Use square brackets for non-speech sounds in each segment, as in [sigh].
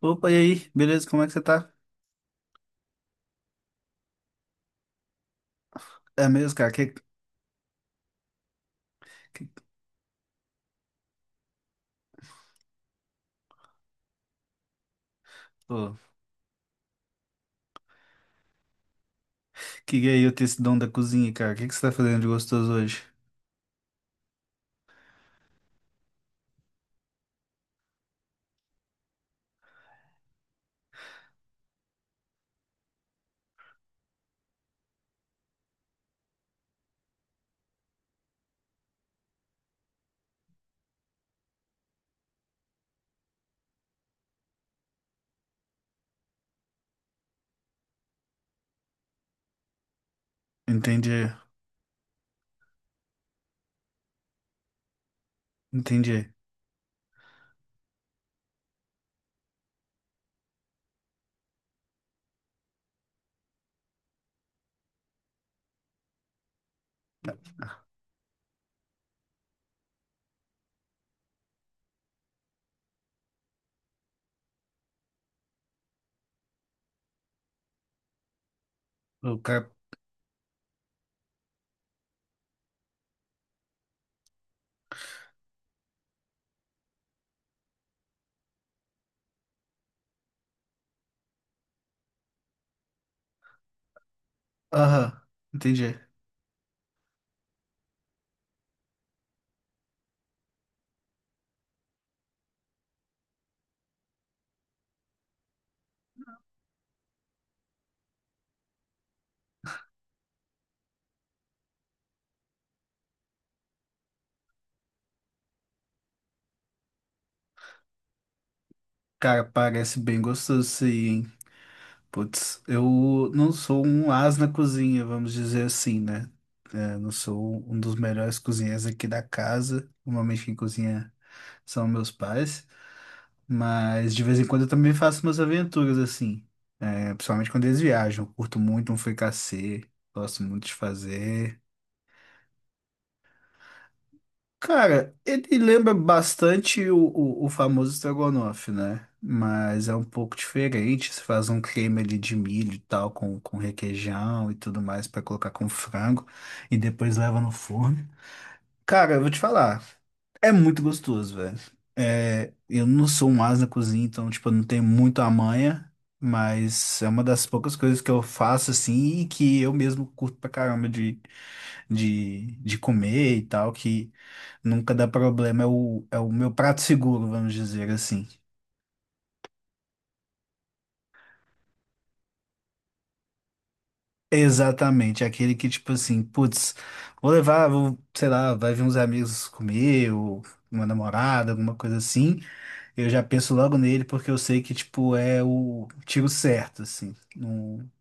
Opa, e aí? Beleza, como é que você tá? É mesmo, cara? Que, pô, que gay eu ter esse dom da cozinha, cara. O que você tá fazendo de gostoso hoje? Entendi, entendi. O cara. Aham, entendi. Cara, parece bem gostoso isso aí, hein? Putz, eu não sou um as na cozinha, vamos dizer assim, né? É, não sou um dos melhores cozinheiros aqui da casa. Normalmente quem cozinha são meus pais. Mas de vez em quando eu também faço umas aventuras assim. Principalmente quando eles viajam. Eu curto muito um fricassê. Gosto muito de fazer. Cara, ele lembra bastante o famoso estrogonofe, né? Mas é um pouco diferente. Você faz um creme ali de milho e tal, com requeijão e tudo mais pra colocar com frango. E depois leva no forno. Cara, eu vou te falar. É muito gostoso, velho. Eu não sou um ás na cozinha, então, tipo, eu não tenho muito a manha, mas é uma das poucas coisas que eu faço, assim, e que eu mesmo curto pra caramba de comer e tal, que nunca dá problema. É o meu prato seguro, vamos dizer assim. Exatamente, é aquele que, tipo assim, putz, vou, sei lá, vai vir uns amigos comer, ou uma namorada, alguma coisa assim. Eu já penso logo nele porque eu sei que, tipo, é o tiro certo, assim. Não,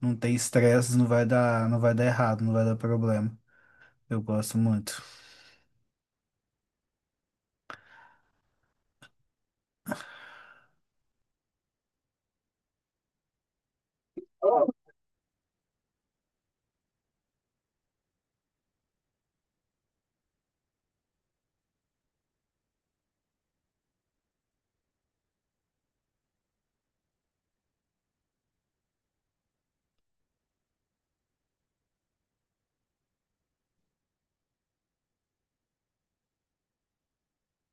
não tem estresse, não vai dar errado, não vai dar problema. Eu gosto muito.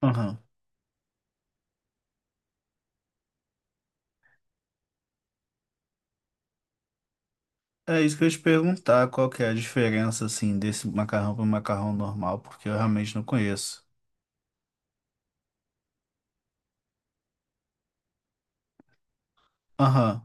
Aham. É isso que eu ia te perguntar, qual que é a diferença, assim, desse macarrão para macarrão normal, porque eu realmente não conheço. Aham,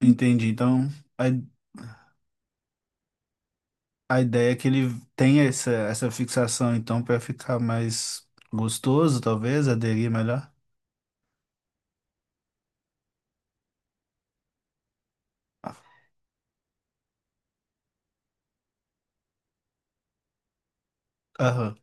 entendi. Então, a, a ideia é que ele tem essa fixação, então, para ficar mais gostoso, talvez, aderir melhor. Aham.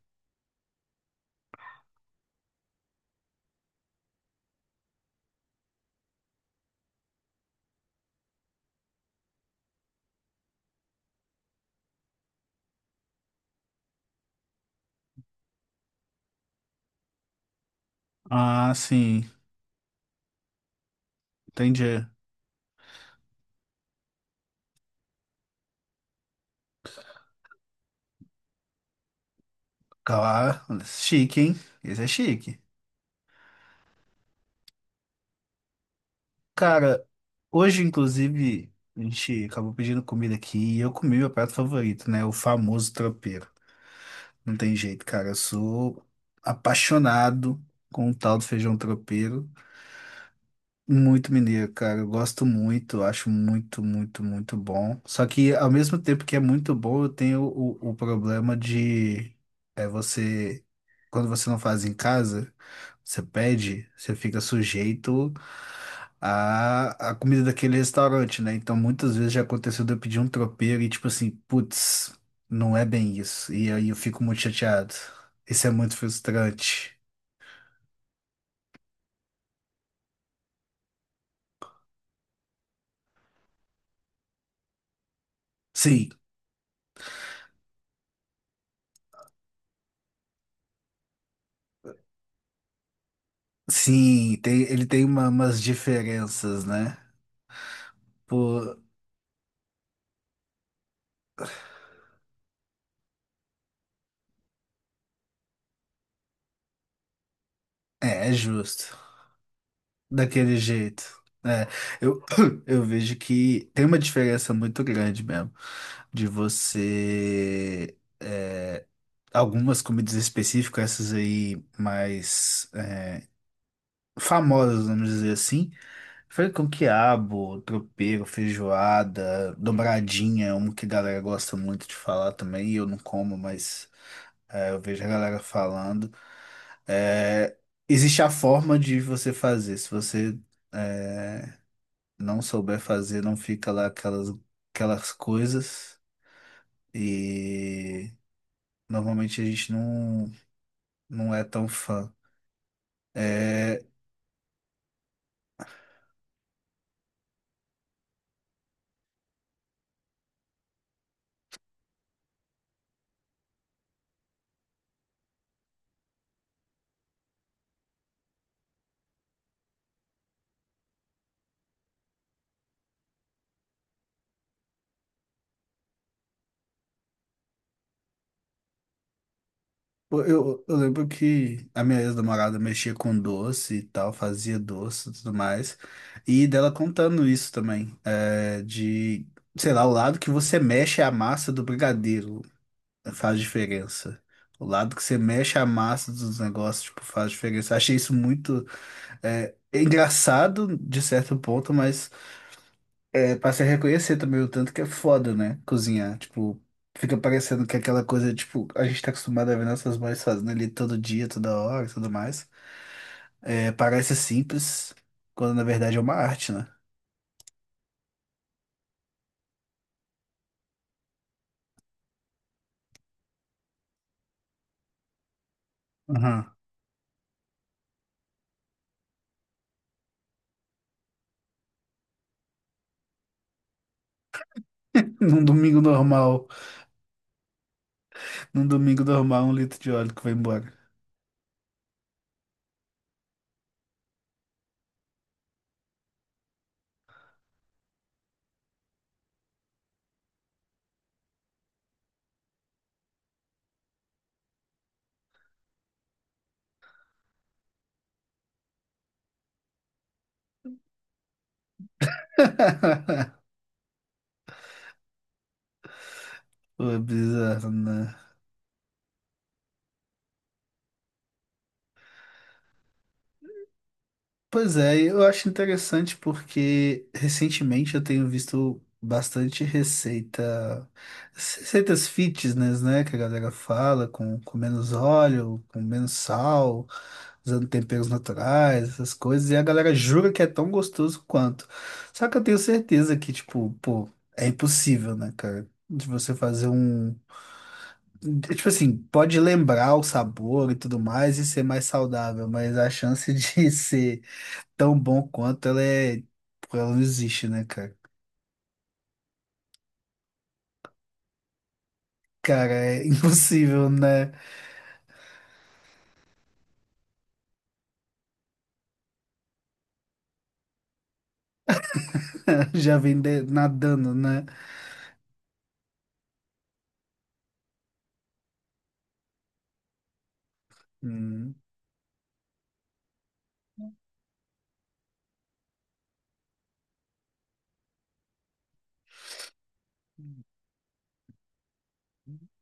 Ah, sim, entendi. Claro, chique, hein? Esse é chique. Cara, hoje, inclusive, a gente acabou pedindo comida aqui e eu comi meu prato favorito, né? O famoso tropeiro. Não tem jeito, cara. Eu sou apaixonado com o tal do feijão tropeiro. Muito mineiro, cara. Eu gosto muito, acho muito, muito, muito bom. Só que ao mesmo tempo que é muito bom, eu tenho o problema de você, quando você não faz em casa, você pede, você fica sujeito à comida daquele restaurante, né? Então muitas vezes já aconteceu de eu pedir um tropeiro e tipo assim, putz, não é bem isso. E aí eu fico muito chateado. Isso é muito frustrante. Sim. Sim, tem, ele tem uma- umas diferenças, né? Pô, é, é justo. Daquele jeito. É, eu, [coughs] [clears throat] eu vejo que tem uma diferença muito grande mesmo. De você. Algumas comidas específicas, essas aí mais famosas, vamos dizer assim. Foi com quiabo, tropeiro, feijoada, dobradinha, é um que a galera gosta muito de falar também, e eu não como, mas eu vejo a galera falando. É, existe a forma de você fazer. Se você, é, não souber fazer, não fica lá aquelas coisas. E normalmente a gente não, não é tão fã. É, eu lembro que a minha ex-namorada mexia com doce e tal, fazia doce e tudo mais. E dela contando isso também, de, sei lá, o lado que você mexe é a massa do brigadeiro. Faz diferença. O lado que você mexe a massa dos negócios, tipo, faz diferença. Achei isso muito engraçado de certo ponto, mas passei a reconhecer também o tanto que é foda, né? Cozinhar. Tipo, fica parecendo que é aquela coisa, tipo, a gente tá acostumado a ver nossas mães fazendo ali todo dia, toda hora e tudo mais. É, parece simples, quando na verdade é uma arte, né? Aham. [laughs] Num domingo normal, num domingo normal, 1 litro de óleo que vai embora. [laughs] Pô, é bizarro, né? Pois é, eu acho interessante porque recentemente eu tenho visto bastante receitas fitness, né? Que a galera fala com menos óleo, com menos sal, usando temperos naturais, essas coisas, e a galera jura que é tão gostoso quanto. Só que eu tenho certeza que, tipo, pô, é impossível, né, cara? De você fazer um. Tipo assim, pode lembrar o sabor e tudo mais e ser mais saudável, mas a chance de [laughs] ser tão bom quanto ela é. Pô, ela não existe, né, cara? Cara, é [laughs] impossível, né? [laughs] Já vem de- nadando, né? Hum,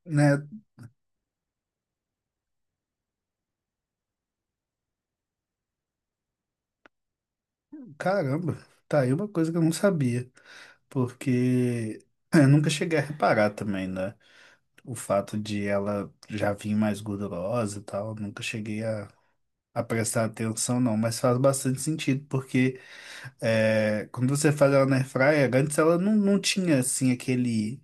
né? Caramba, tá aí uma coisa que eu não sabia. Porque [laughs] eu nunca cheguei a reparar também, né? O fato de ela já vir mais gordurosa e tal, nunca cheguei a prestar atenção, não. Mas faz bastante sentido, porque quando você faz ela na airfryer, antes ela não, não tinha assim aquele.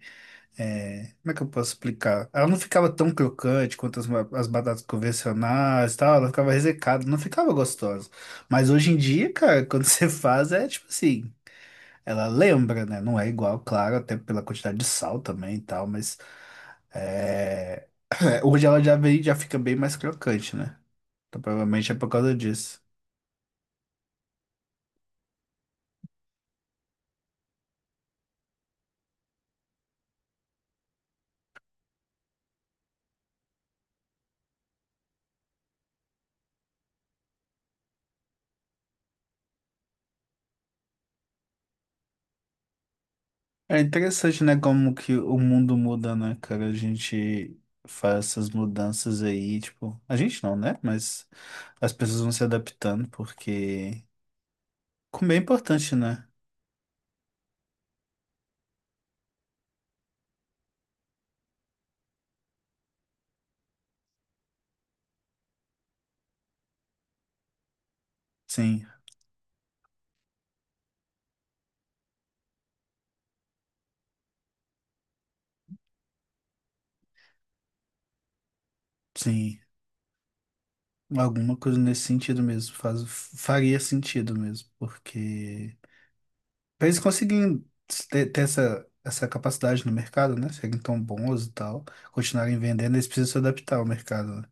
É, como é que eu posso explicar? Ela não ficava tão crocante quanto as batatas convencionais e tal, ela ficava ressecada, não ficava gostosa. Mas hoje em dia, cara, [laughs] quando você faz, é tipo assim, ela lembra, né? Não é igual, claro, até pela quantidade de sal também e tal, mas é, [clears throat] hoje ela já vem, já fica bem mais crocante, né? Então provavelmente é por causa disso. É interessante, né, como que o mundo muda, né, cara? A gente faz essas mudanças aí, tipo, a gente não, né? Mas as pessoas vão se adaptando porque comer é importante, né? Sim, sim. Alguma coisa nesse sentido mesmo, faz, faria sentido mesmo, porque pra eles conseguirem ter, ter essa capacidade no mercado, né? Serem tão bons e tal, continuarem vendendo, eles precisam se adaptar ao mercado, né?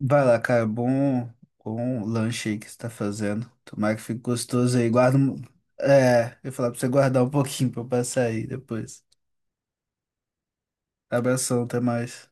Vai lá, cara. Bom, bom lanche aí que você tá fazendo. Tomara que fique gostoso aí. Guarda. Um- É, eu ia falar pra você guardar um pouquinho pra eu passar aí depois. Abração, até mais.